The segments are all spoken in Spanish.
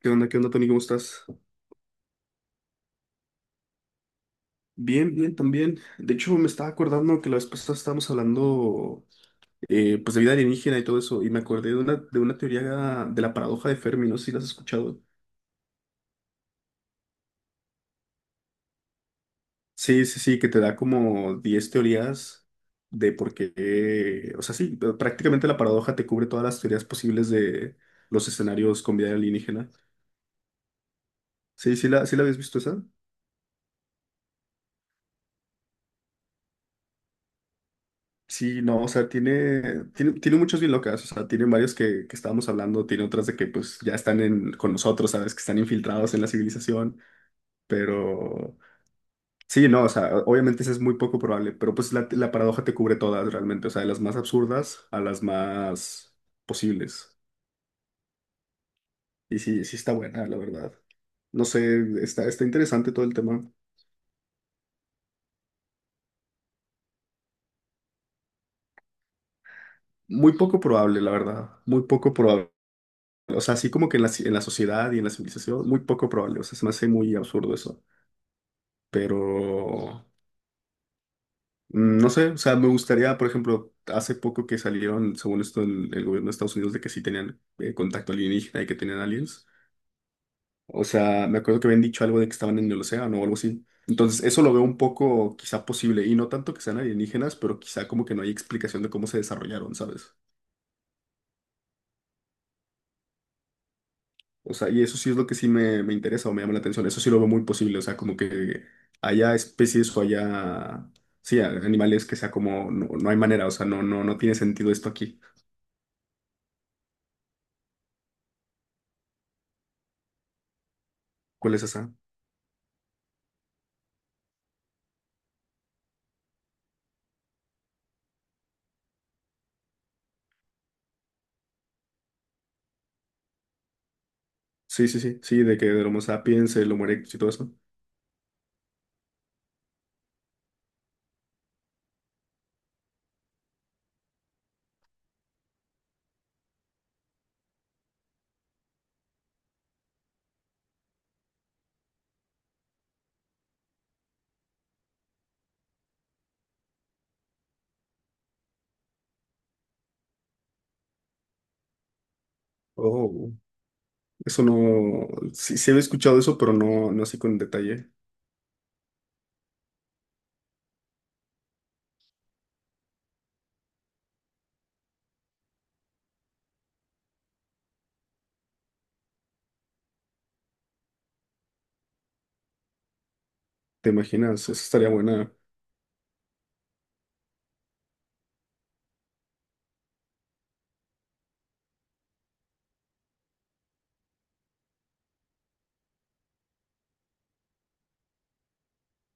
¿Qué onda? ¿Qué onda, Tony? ¿Cómo estás? Bien, bien, también. De hecho, me estaba acordando que la vez pasada estábamos hablando pues de vida alienígena y todo eso, y me acordé de de una teoría de la paradoja de Fermi, no sé si la has escuchado. Sí, sí, sí, que te da como 10 teorías de por qué, o sea, sí, prácticamente la paradoja te cubre todas las teorías posibles de los escenarios con vida alienígena. Sí, sí la habías visto esa. Sí, no, o sea, tiene muchos bien locas, o sea, tiene varios que estábamos hablando, tiene otras de que pues ya están con nosotros, ¿sabes? Que están infiltrados en la civilización, pero sí, no, o sea, obviamente eso es muy poco probable, pero pues la paradoja te cubre todas realmente, o sea, de las más absurdas a las más posibles. Y sí, sí está buena, la verdad. No sé, está interesante todo el tema. Muy poco probable, la verdad, muy poco probable. O sea, así como que en la sociedad y en la civilización, muy poco probable. O sea, se me hace muy absurdo eso. Pero no sé, o sea, me gustaría, por ejemplo, hace poco que salieron, según esto, el gobierno de Estados Unidos de que sí tenían contacto alienígena y que tenían aliens. O sea, me acuerdo que habían dicho algo de que estaban en el océano o algo así. Entonces, eso lo veo un poco quizá posible, y no tanto que sean alienígenas, pero quizá como que no hay explicación de cómo se desarrollaron, ¿sabes? O sea, y eso sí es lo que sí me interesa o me llama la atención, eso sí lo veo muy posible, o sea, como que haya especies o haya, sí, animales que sea como, no, no hay manera, o sea, no, no, no tiene sentido esto aquí. ¿Cuál es esa? Sí, sí, sí, sí, de que del Homo sapiens, el Homo erectus y todo eso. Oh, eso no, sí, sí había escuchado eso, pero no, no así con detalle. ¿Te imaginas? Eso estaría buena.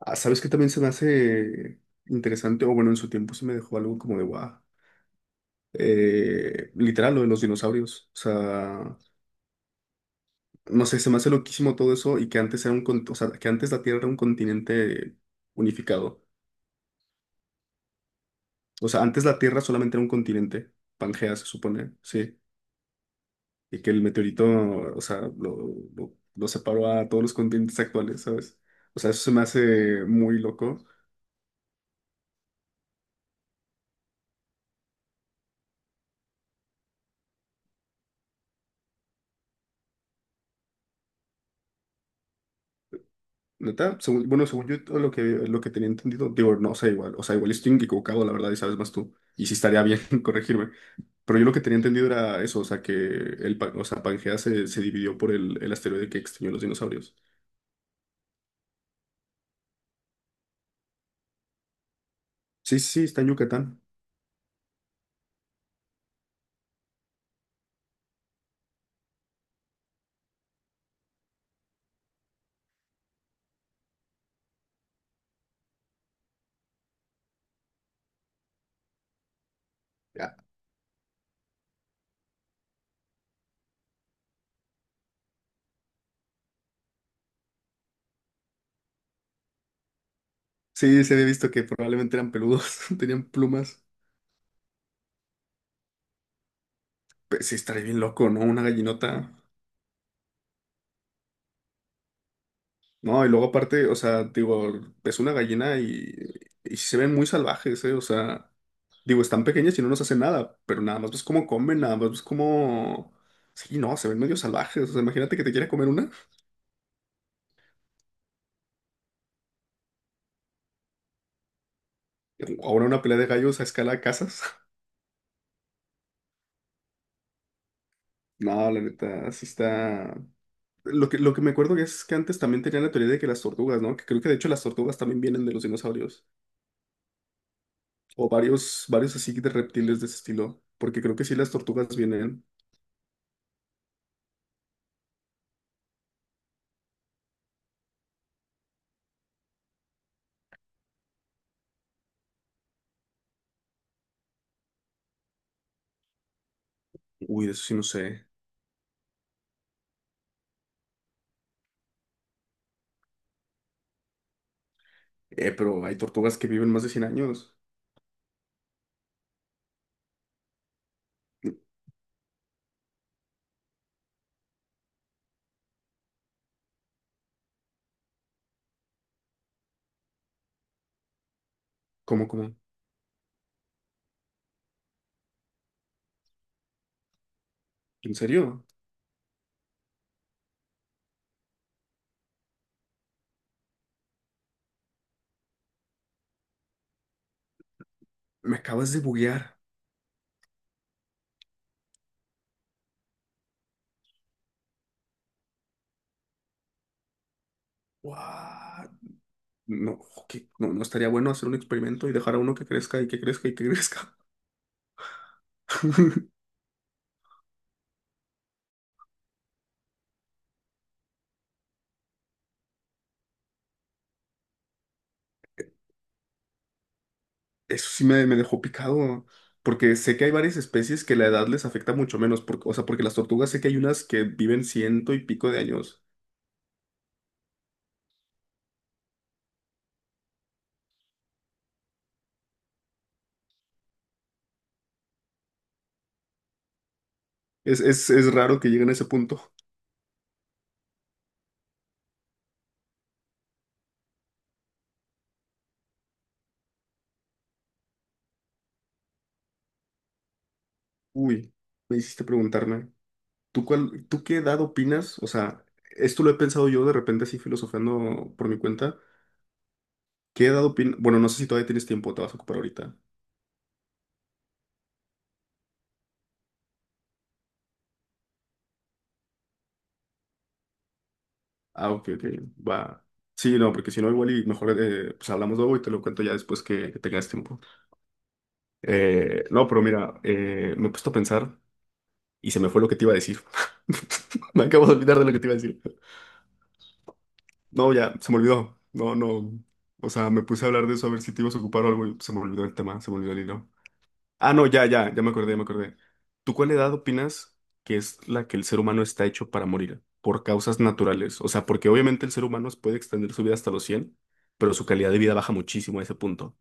Ah, ¿sabes qué también se me hace interesante? O bueno, en su tiempo se me dejó algo como de guau. Literal, lo de los dinosaurios. O sea, no sé, se me hace loquísimo todo eso y que antes era o sea, que antes la Tierra era un continente unificado. O sea, antes la Tierra solamente era un continente. Pangea, se supone, sí. Y que el meteorito, o sea, lo separó a todos los continentes actuales, ¿sabes? O sea, eso se me hace muy loco. Neta, bueno, según yo todo lo que tenía entendido, digo, no sé, igual, o sea, igual estoy equivocado, la verdad, y sabes más tú, y sí estaría bien corregirme, pero yo lo que tenía entendido era eso, o sea, que o sea, Pangea se dividió por el asteroide que extinguió los dinosaurios. Sí, sí, sí, está en Yucatán. Ya. Sí, se había visto que probablemente eran peludos, tenían plumas. Pues sí, estaría bien loco, ¿no? Una gallinota. No, y luego aparte, o sea, digo, es una gallina y se ven muy salvajes, ¿eh? O sea, digo, están pequeñas y no nos hacen nada, pero nada más ves cómo comen, nada más ves cómo... Sí, no, se ven medio salvajes. O sea, imagínate que te quiera comer una. Ahora una pelea de gallos a escala de casas. No, la neta, sí está... Lo que me acuerdo es que antes también tenían la teoría de que las tortugas, ¿no? Que creo que de hecho las tortugas también vienen de los dinosaurios. O varios así de reptiles de ese estilo. Porque creo que sí las tortugas vienen... Uy, de eso sí no sé. Pero hay tortugas que viven más de 100 años. ¿Cómo, cómo? ¿En serio? Me acabas de buguear. What? No, ¿qué? No, no estaría bueno hacer un experimento y dejar a uno que crezca y que crezca y que crezca. Eso sí me dejó picado, porque sé que hay varias especies que la edad les afecta mucho menos, porque, o sea, porque las tortugas sé que hay unas que viven ciento y pico de años. Es raro que lleguen a ese punto. Uy, me hiciste preguntarme. ¿Tú qué edad opinas? O sea, esto lo he pensado yo de repente así filosofando por mi cuenta. ¿Qué edad opinas? Bueno, no sé si todavía tienes tiempo, te vas a ocupar ahorita. Ah, ok, ok, va. Sí, no, porque si no, igual y mejor pues hablamos luego y te lo cuento ya después que tengas tiempo. No, pero mira, me he puesto a pensar y se me fue lo que te iba a decir. Me acabo de olvidar de lo que te iba a decir. No, ya, se me olvidó. No, no. O sea, me puse a hablar de eso a ver si te ibas a ocupar o algo y se me olvidó el tema, se me olvidó el hilo. Ah, no, ya, ya, ya me acordé, ya me acordé. ¿Tú cuál edad opinas que es la que el ser humano está hecho para morir? Por causas naturales. O sea, porque obviamente el ser humano puede extender su vida hasta los 100, pero su calidad de vida baja muchísimo a ese punto.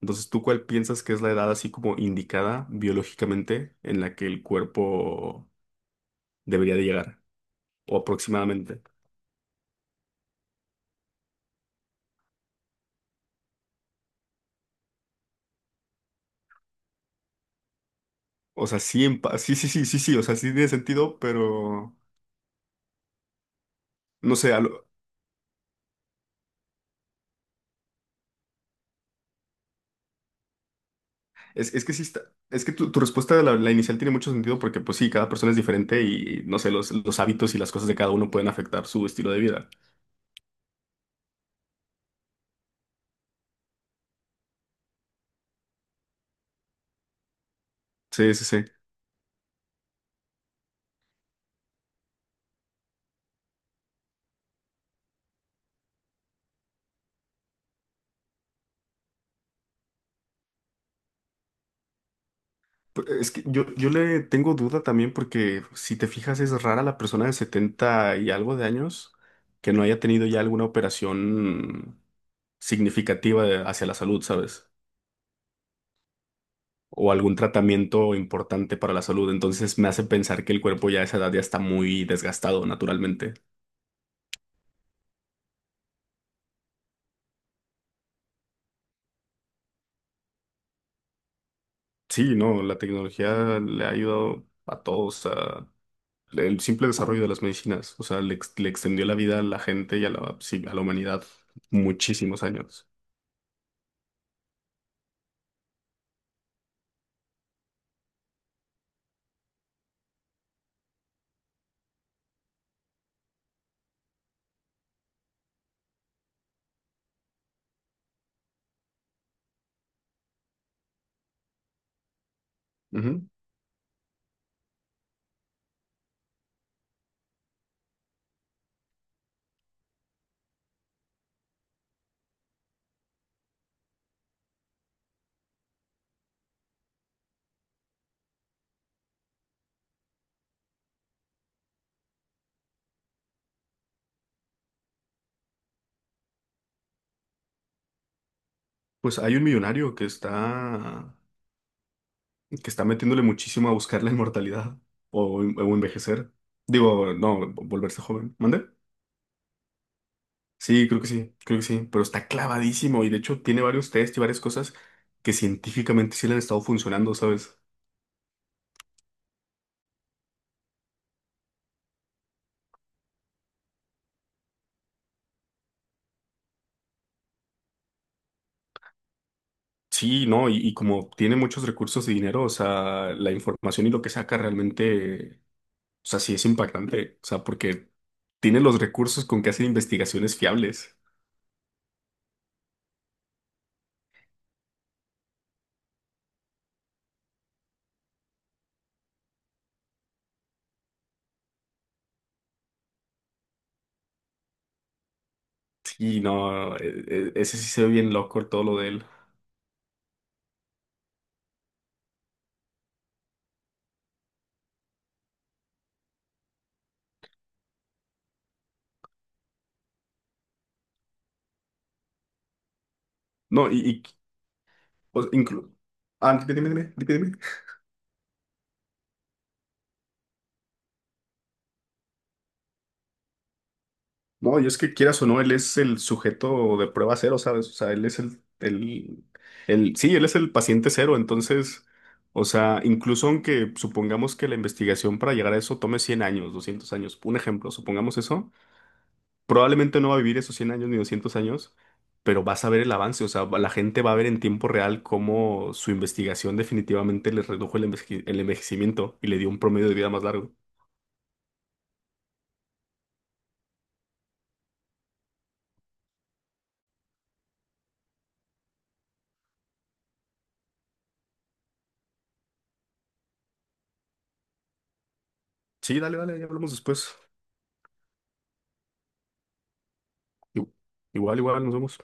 Entonces, ¿tú cuál piensas que es la edad así como indicada biológicamente en la que el cuerpo debería de llegar? O aproximadamente. O sea, sí, sí, sí, sí, sí, sí, o sea, sí tiene sentido, pero no sé. Es que sí está, es que tu respuesta de la inicial tiene mucho sentido porque pues sí, cada persona es diferente y no sé, los hábitos y las cosas de cada uno pueden afectar su estilo de vida. Sí, sí, sí. Es que yo le tengo duda también porque si te fijas es rara la persona de 70 y algo de años que no haya tenido ya alguna operación significativa hacia la salud, ¿sabes? O algún tratamiento importante para la salud. Entonces me hace pensar que el cuerpo ya a esa edad ya está muy desgastado naturalmente. Sí, no, la tecnología le ha ayudado a todos, el simple desarrollo de las medicinas, o sea, le extendió la vida a la gente y a la, sí, a la humanidad muchísimos años. Ujú. Pues hay un millonario que está, metiéndole muchísimo a buscar la inmortalidad o envejecer. Digo, no, volverse joven. ¿Mande? Sí, creo que sí, creo que sí, pero está clavadísimo y de hecho tiene varios test y varias cosas que científicamente sí le han estado funcionando, ¿sabes? Sí, no, y como tiene muchos recursos y dinero, o sea, la información y lo que saca realmente, o sea, sí es impactante, o sea, porque tiene los recursos con que hacer investigaciones fiables. Sí, no, ese sí se ve bien loco todo lo de él. No, o- inclu- Ah, dime, dime, dime, dime, dime. No, y es que quieras o no, él es el sujeto de prueba cero, ¿sabes? O sea, él es el, sí, él es el paciente cero, entonces, o sea, incluso aunque supongamos que la investigación para llegar a eso tome 100 años, 200 años, un ejemplo, supongamos eso, probablemente no va a vivir esos 100 años ni 200 años, pero vas a ver el avance, o sea, la gente va a ver en tiempo real cómo su investigación definitivamente le redujo el envejecimiento y le dio un promedio de vida más largo. Sí, dale, dale, ya hablamos después. Ig- Igual, igual, nos vemos.